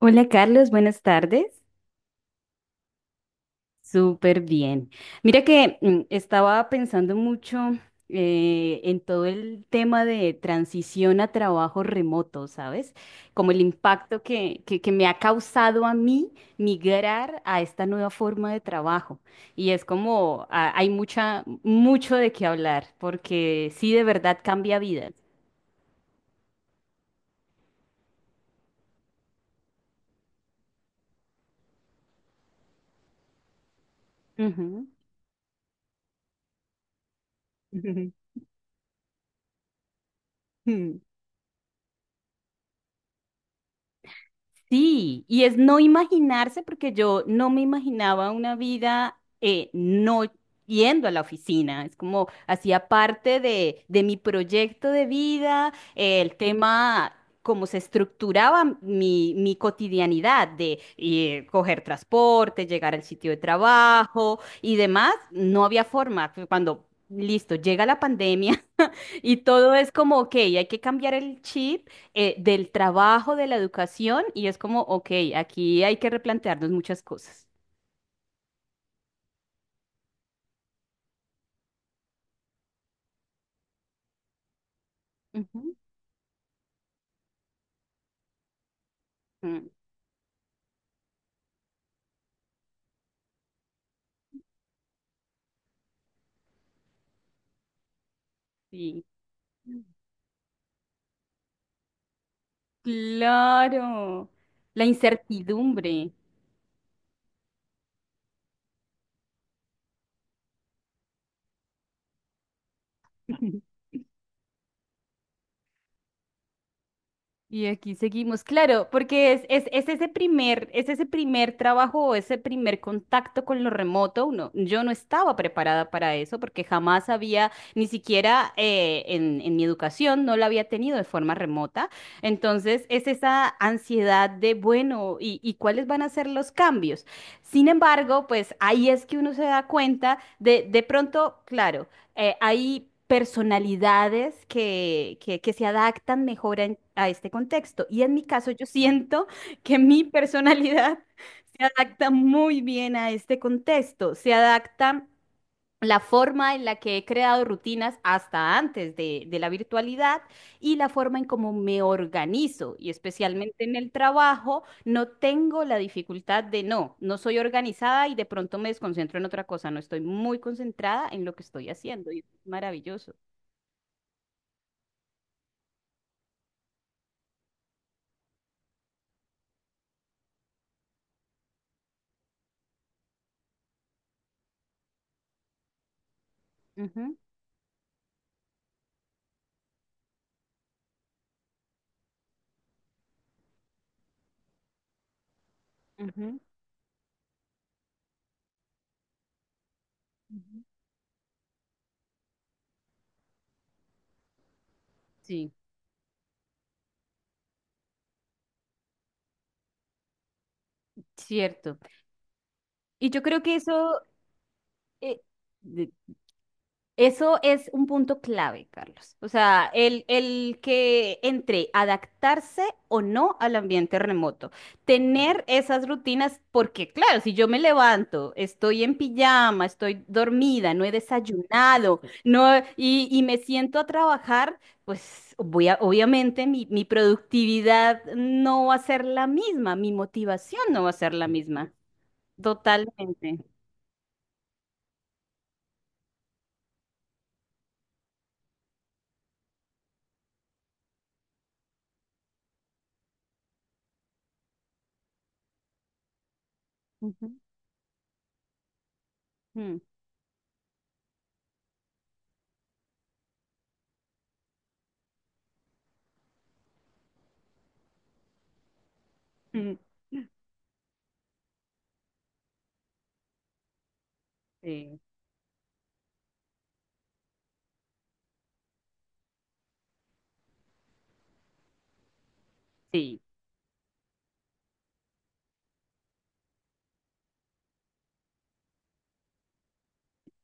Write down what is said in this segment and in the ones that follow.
Hola Carlos, buenas tardes. Súper bien. Mira que estaba pensando mucho en todo el tema de transición a trabajo remoto, ¿sabes? Como el impacto que me ha causado a mí migrar a esta nueva forma de trabajo. Y es como hay mucha, mucho de qué hablar, porque sí de verdad cambia vidas. Ujú. Sí, y es no imaginarse, porque yo no me imaginaba una vida no yendo a la oficina. Es como hacía parte de mi proyecto de vida, el tema, cómo se estructuraba mi cotidianidad de coger transporte, llegar al sitio de trabajo y demás. No había forma. Cuando, listo, llega la pandemia. Y todo es como, ok, hay que cambiar el chip del trabajo, de la educación, y es como, ok, aquí hay que replantearnos muchas cosas. Ujú. Mm. Sí. Claro, la incertidumbre. Y aquí seguimos, claro, porque es ese primer trabajo o ese primer contacto con lo remoto. Uno, yo no estaba preparada para eso porque jamás había, ni siquiera en mi educación, no la había tenido de forma remota. Entonces, es esa ansiedad de, bueno, y cuáles van a ser los cambios? Sin embargo, pues ahí es que uno se da cuenta de pronto, claro, hay personalidades que se adaptan mejor a este contexto. Y en mi caso, yo siento que mi personalidad se adapta muy bien a este contexto, se adapta la forma en la que he creado rutinas hasta antes de la virtualidad y la forma en cómo me organizo y especialmente en el trabajo, no tengo la dificultad de no, no soy organizada y de pronto me desconcentro en otra cosa, no estoy muy concentrada en lo que estoy haciendo y es maravilloso. Ujú, ujú, ujú. Sí, cierto. Y yo creo que eso, eh, de- eso es un punto clave, Carlos. O sea, el que entre adaptarse o no al ambiente remoto. Tener esas rutinas, porque claro, si yo me levanto, estoy en pijama, estoy dormida, no he desayunado, no, y me siento a trabajar, pues obviamente mi productividad no va a ser la misma, mi motivación no va a ser la misma. Totalmente. Ujú. Mm. Mm. Sí, sí.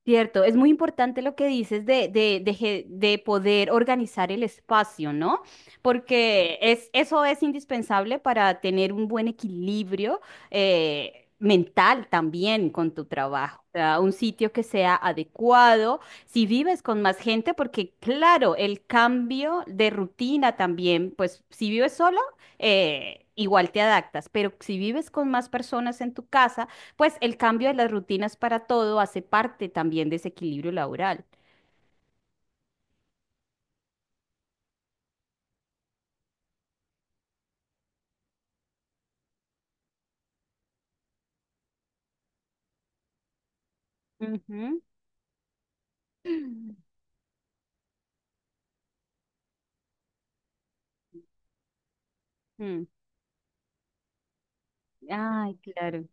Cierto, es muy importante lo que dices de poder organizar el espacio, ¿no? Porque es, eso es indispensable para tener un buen equilibrio mental también con tu trabajo. O sea, un sitio que sea adecuado, si vives con más gente, porque claro, el cambio de rutina también, pues si vives solo, igual te adaptas, pero si vives con más personas en tu casa, pues el cambio de las rutinas para todo hace parte también de ese equilibrio laboral. Ujú. Mm. Ay, claro.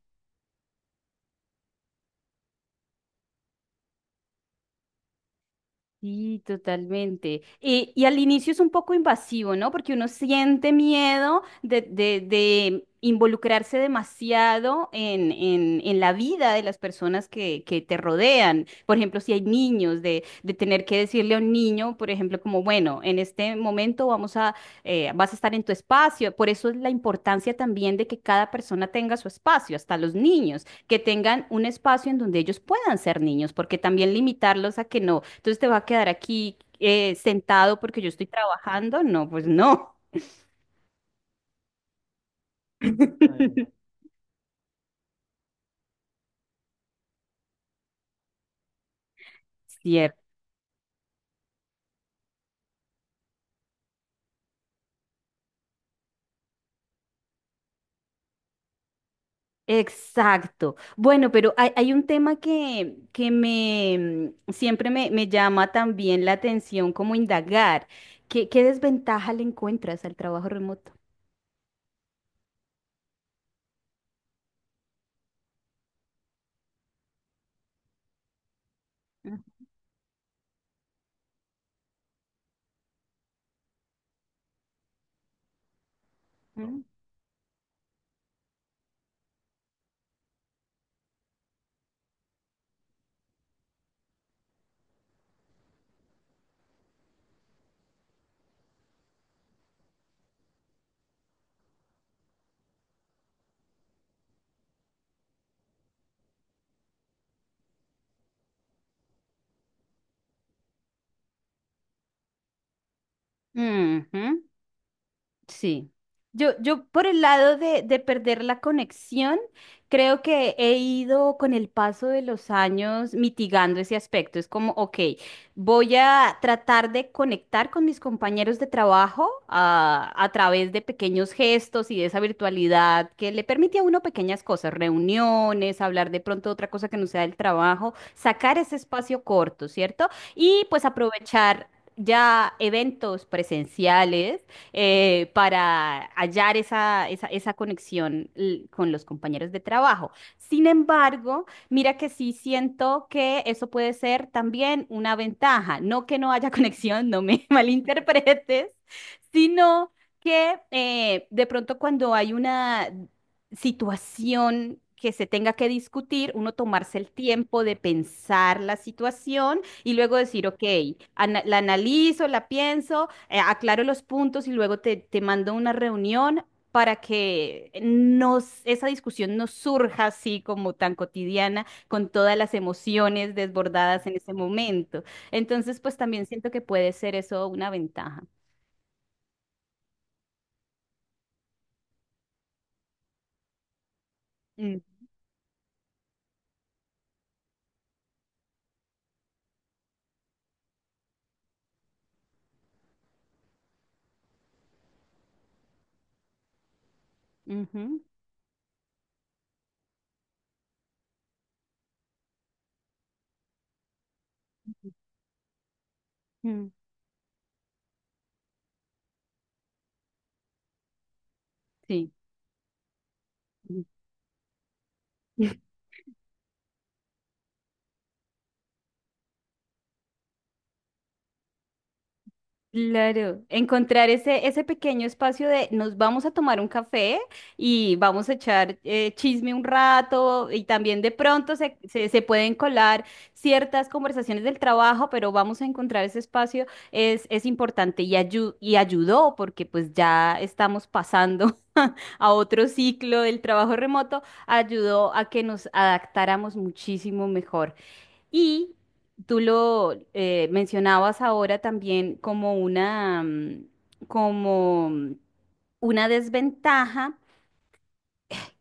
Sí, totalmente. Y al inicio es un poco invasivo, ¿no? Porque uno siente miedo de involucrarse demasiado en la vida de las personas que te rodean. Por ejemplo, si hay niños, de tener que decirle a un niño, por ejemplo, como, bueno, en este momento vamos a, vas a estar en tu espacio. Por eso es la importancia también de que cada persona tenga su espacio, hasta los niños que tengan un espacio en donde ellos puedan ser niños, porque también limitarlos a que no, entonces te va a quedar aquí sentado porque yo estoy trabajando, no, pues no. Cierto. Exacto. Bueno, pero hay un tema que me siempre me llama también la atención, como indagar. ¿Qué, qué desventaja le encuentras al trabajo remoto? Ujú. Ujú. Sí. Yo por el lado de perder la conexión, creo que he ido con el paso de los años mitigando ese aspecto. Es como, ok, voy a tratar de conectar con mis compañeros de trabajo a, través de pequeños gestos y de esa virtualidad que le permite a uno pequeñas cosas, reuniones, hablar de pronto de otra cosa que no sea del trabajo, sacar ese espacio corto, ¿cierto? Y pues aprovechar ya eventos presenciales para hallar esa conexión con los compañeros de trabajo. Sin embargo, mira que sí siento que eso puede ser también una ventaja. No que no haya conexión, no me malinterpretes, sino que de pronto cuando hay una situación que se tenga que discutir, uno tomarse el tiempo de pensar la situación y luego decir, ok, la analizo, la pienso, aclaro los puntos y luego te mando una reunión para que nos, esa discusión no surja así como tan cotidiana, con todas las emociones desbordadas en ese momento. Entonces, pues también siento que puede ser eso una ventaja. Mm, ujú, mm, sí. Claro, encontrar ese, ese pequeño espacio de nos vamos a tomar un café y vamos a echar chisme un rato y también de pronto se pueden colar ciertas conversaciones del trabajo, pero vamos a encontrar ese espacio es importante y, y ayudó porque pues ya estamos pasando a otro ciclo del trabajo remoto, ayudó a que nos adaptáramos muchísimo mejor. Y tú lo mencionabas ahora también como una, como mm, una desventaja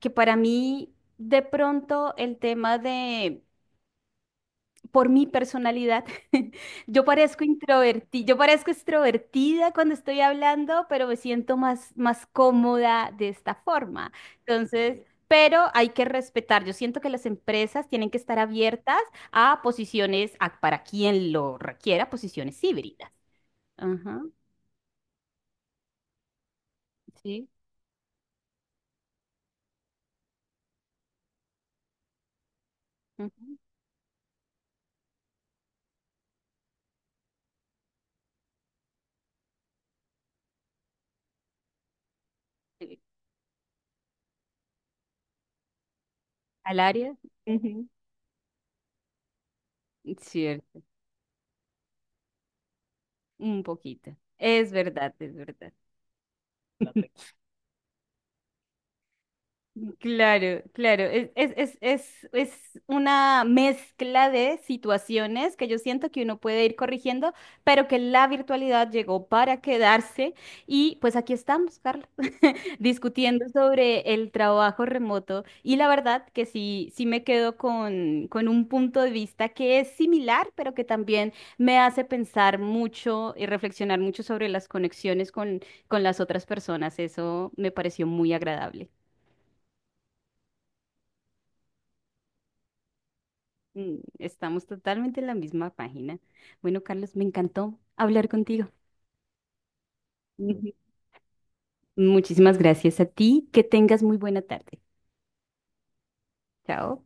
que para mí de pronto el tema de por mi personalidad. Yo parezco introvertida, yo parezco extrovertida cuando estoy hablando, pero me siento más, más cómoda de esta forma. Entonces, pero hay que respetar. Yo siento que las empresas tienen que estar abiertas a posiciones, para quien lo requiera, posiciones híbridas. Ajá, sí. Ujú, sí. Al área. Ujú. Cierto, un poquito. Es verdad, es verdad. Claro, claro. Es una mezcla de situaciones que yo siento que uno puede ir corrigiendo, pero que la virtualidad llegó para quedarse. Y pues aquí estamos, Carlos, discutiendo sobre el trabajo remoto. Y la verdad que sí, sí me quedo con un punto de vista que es similar, pero que también me hace pensar mucho y reflexionar mucho sobre las conexiones con las otras personas. Eso me pareció muy agradable. Mm, estamos totalmente en la misma página. Bueno, Carlos, me encantó hablar contigo. Ujú. Muchísimas gracias a ti. Que tengas muy buena tarde. Chao.